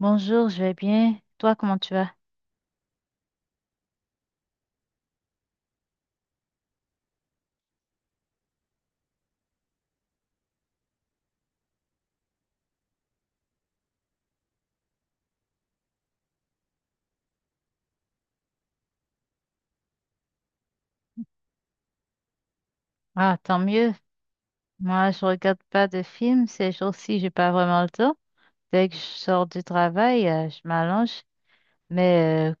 Bonjour, je vais bien. Toi, comment tu vas? Ah, tant mieux. Moi, je regarde pas de films ces jours-ci, j'ai pas vraiment le temps. Dès que je sors du travail, je m'allonge. Mais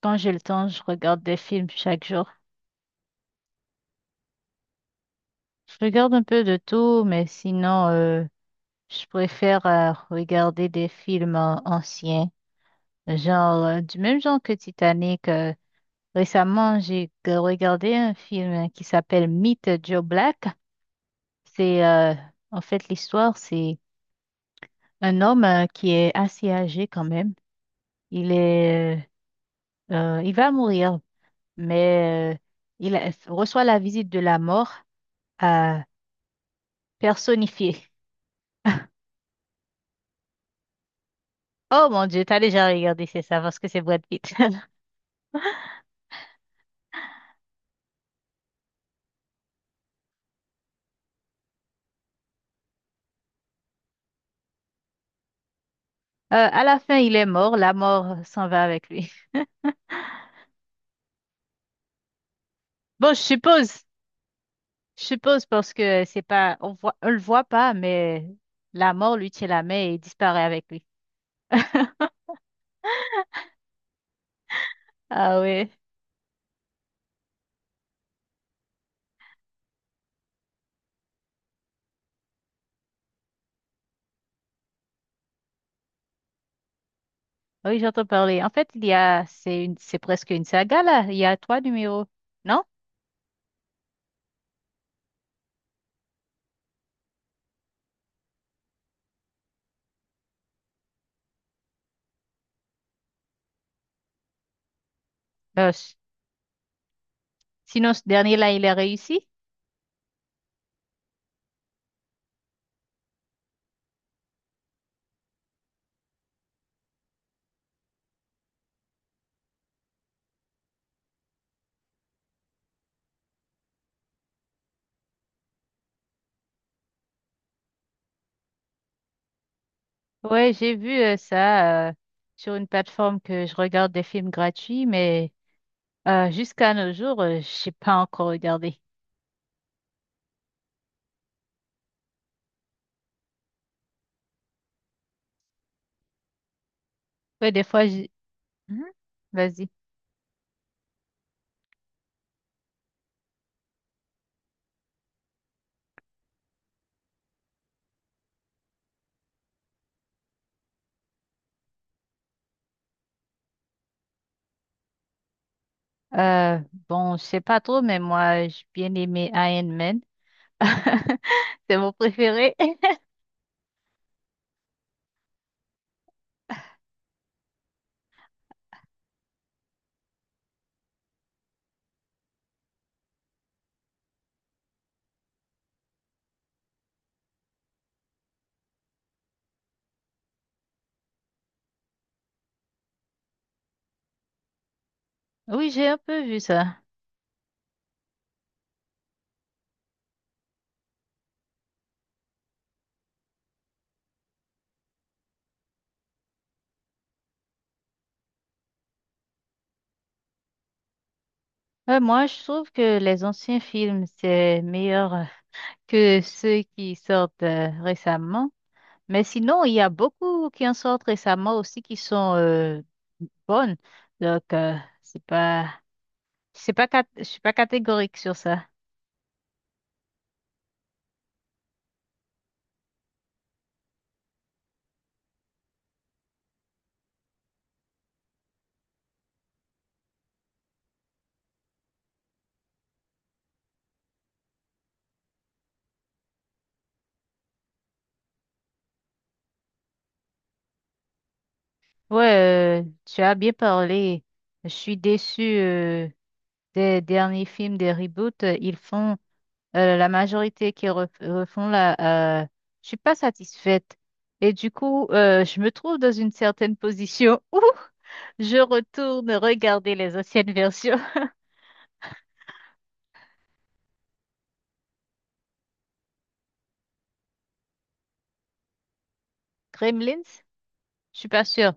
quand j'ai le temps, je regarde des films chaque jour. Je regarde un peu de tout, mais sinon, je préfère regarder des films anciens, genre du même genre que Titanic. Récemment, j'ai regardé un film qui s'appelle Meet Joe Black. C'est en fait, l'histoire, c'est un homme qui est assez âgé quand même, il est, il va mourir, mais reçoit la visite de la mort euh, personnifiée. Oh mon Dieu, t'as déjà regardé, c'est ça, parce que c'est Brad Pitt. À la fin, il est mort, la mort s'en va avec lui. Bon, je suppose parce que c'est pas, on voit, on le voit pas, mais la mort lui tient la main et disparaît avec lui. Ah oui. Oui, j'entends parler. En fait, il y a, c'est une, c'est presque une saga là. Il y a trois numéros, non? Ben, sinon, ce dernier là, il a réussi. Ouais, j'ai vu ça sur une plateforme que je regarde des films gratuits, mais jusqu'à nos jours, j'ai pas encore regardé. Ouais, des fois, j'ai... Mhm. Vas-y. Euh, bon, je sais pas trop, mais moi, j'ai bien aimé Iron Man. C'est mon préféré. Oui, j'ai un peu vu ça. Ouais, moi, je trouve que les anciens films, c'est meilleur que ceux qui sortent récemment. Mais sinon, il y a beaucoup qui en sortent récemment aussi qui sont bonnes. Donc, c'est pas, je suis pas catégorique sur ça. Ouais, tu as bien parlé. Je suis déçue des derniers films, des reboots. Ils font la majorité qui refont la, je suis pas satisfaite. Et du coup, je me trouve dans une certaine position où je retourne regarder les anciennes versions. Gremlins? Je suis pas sûre.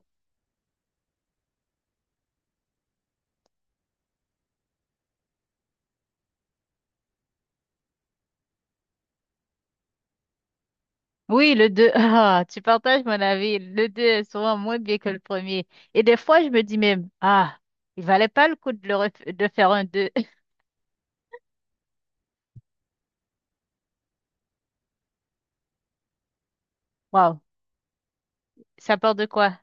Oui, le 2. Ah, tu partages mon avis. Le deux est souvent moins bien que le premier. Et des fois, je me dis même, ah, il valait pas le coup de, le de faire un deux. Waouh, ça part de quoi?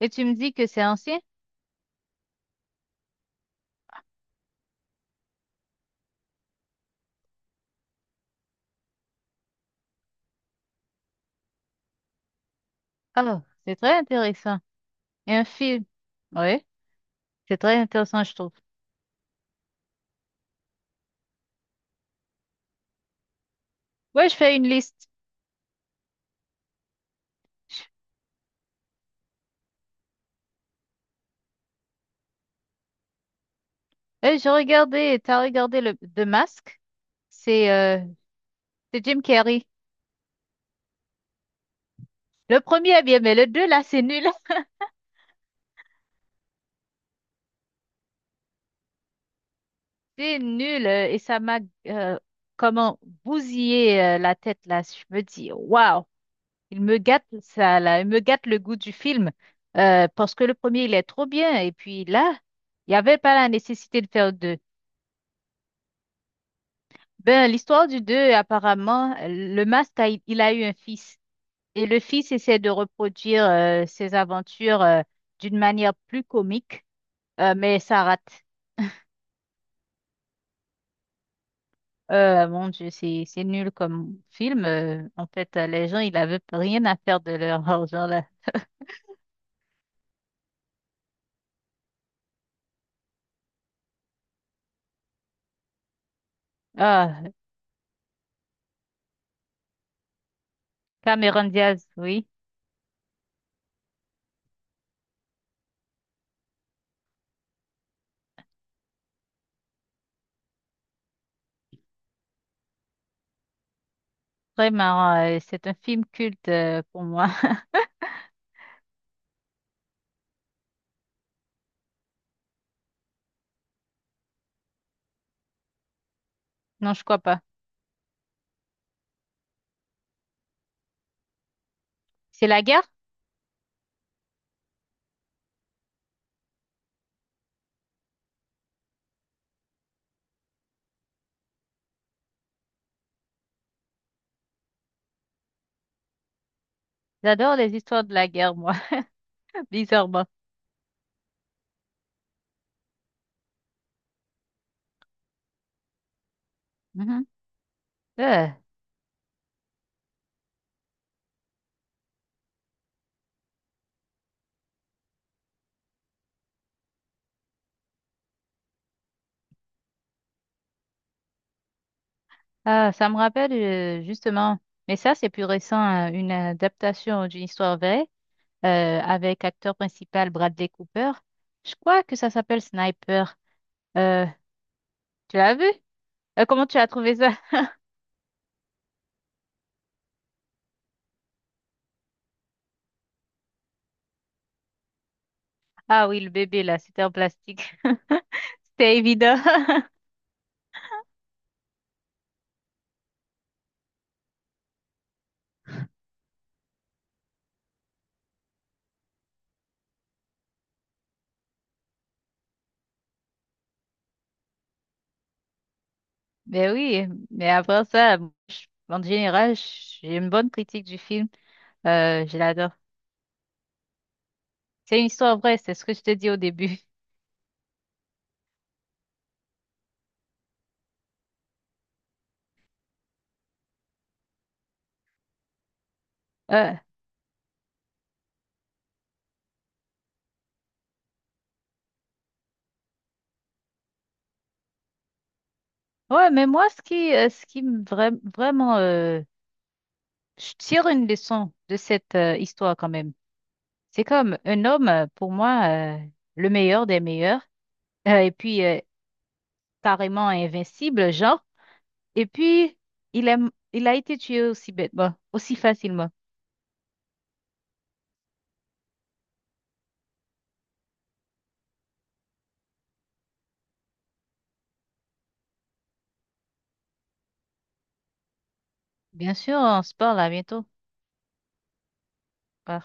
Et tu me dis que c'est ancien? Oh, c'est très intéressant. Et un film? Oui. C'est très intéressant, je trouve. Ouais, je fais une liste. Et j'ai regardé, t'as regardé le The Mask? C'est euh, c'est Jim Carrey. Le premier est bien, mais le deux, là, c'est nul. C'est nul. Et ça m'a euh, comment bousillé la tête, là. Je me dis, waouh, il me gâte ça, là. Il me gâte le goût du film. Parce que le premier, il est trop bien. Et puis là, il n'y avait pas la nécessité de faire deux. Ben, l'histoire du deux, apparemment, le masque, il a eu un fils. Et le fils essaie de reproduire ses aventures d'une manière plus comique, mais ça rate. Mon Dieu, c'est nul comme film. En fait, les gens, ils n'avaient rien à faire de leur argent là. Ah, Cameron Diaz, oui, très marrant. C'est un film culte pour moi. Non, je crois pas. C'est la guerre? J'adore les histoires de la guerre, moi, bizarrement. Mhm. Euh, ah, ça me rappelle justement, mais ça, c'est plus récent, une adaptation d'une histoire vraie. Avec acteur principal Bradley Cooper. Je crois que ça s'appelle Sniper. Euh, tu l'as vu? Comment tu as trouvé ça? Ah oui, le bébé là, c'était en plastique. C'était évident. Mais oui, mais après ça, en général, j'ai une bonne critique du film. Je l'adore. C'est une histoire vraie, c'est ce que je te dis au début. Euh, ouais, mais moi, ce qui, me vraiment, je tire une leçon de cette histoire quand même. C'est comme un homme, pour moi, le meilleur des meilleurs, et puis carrément invincible, genre. Et puis, il a, il a été tué aussi bêtement, aussi facilement. Bien sûr, on se parle à bientôt. Bye.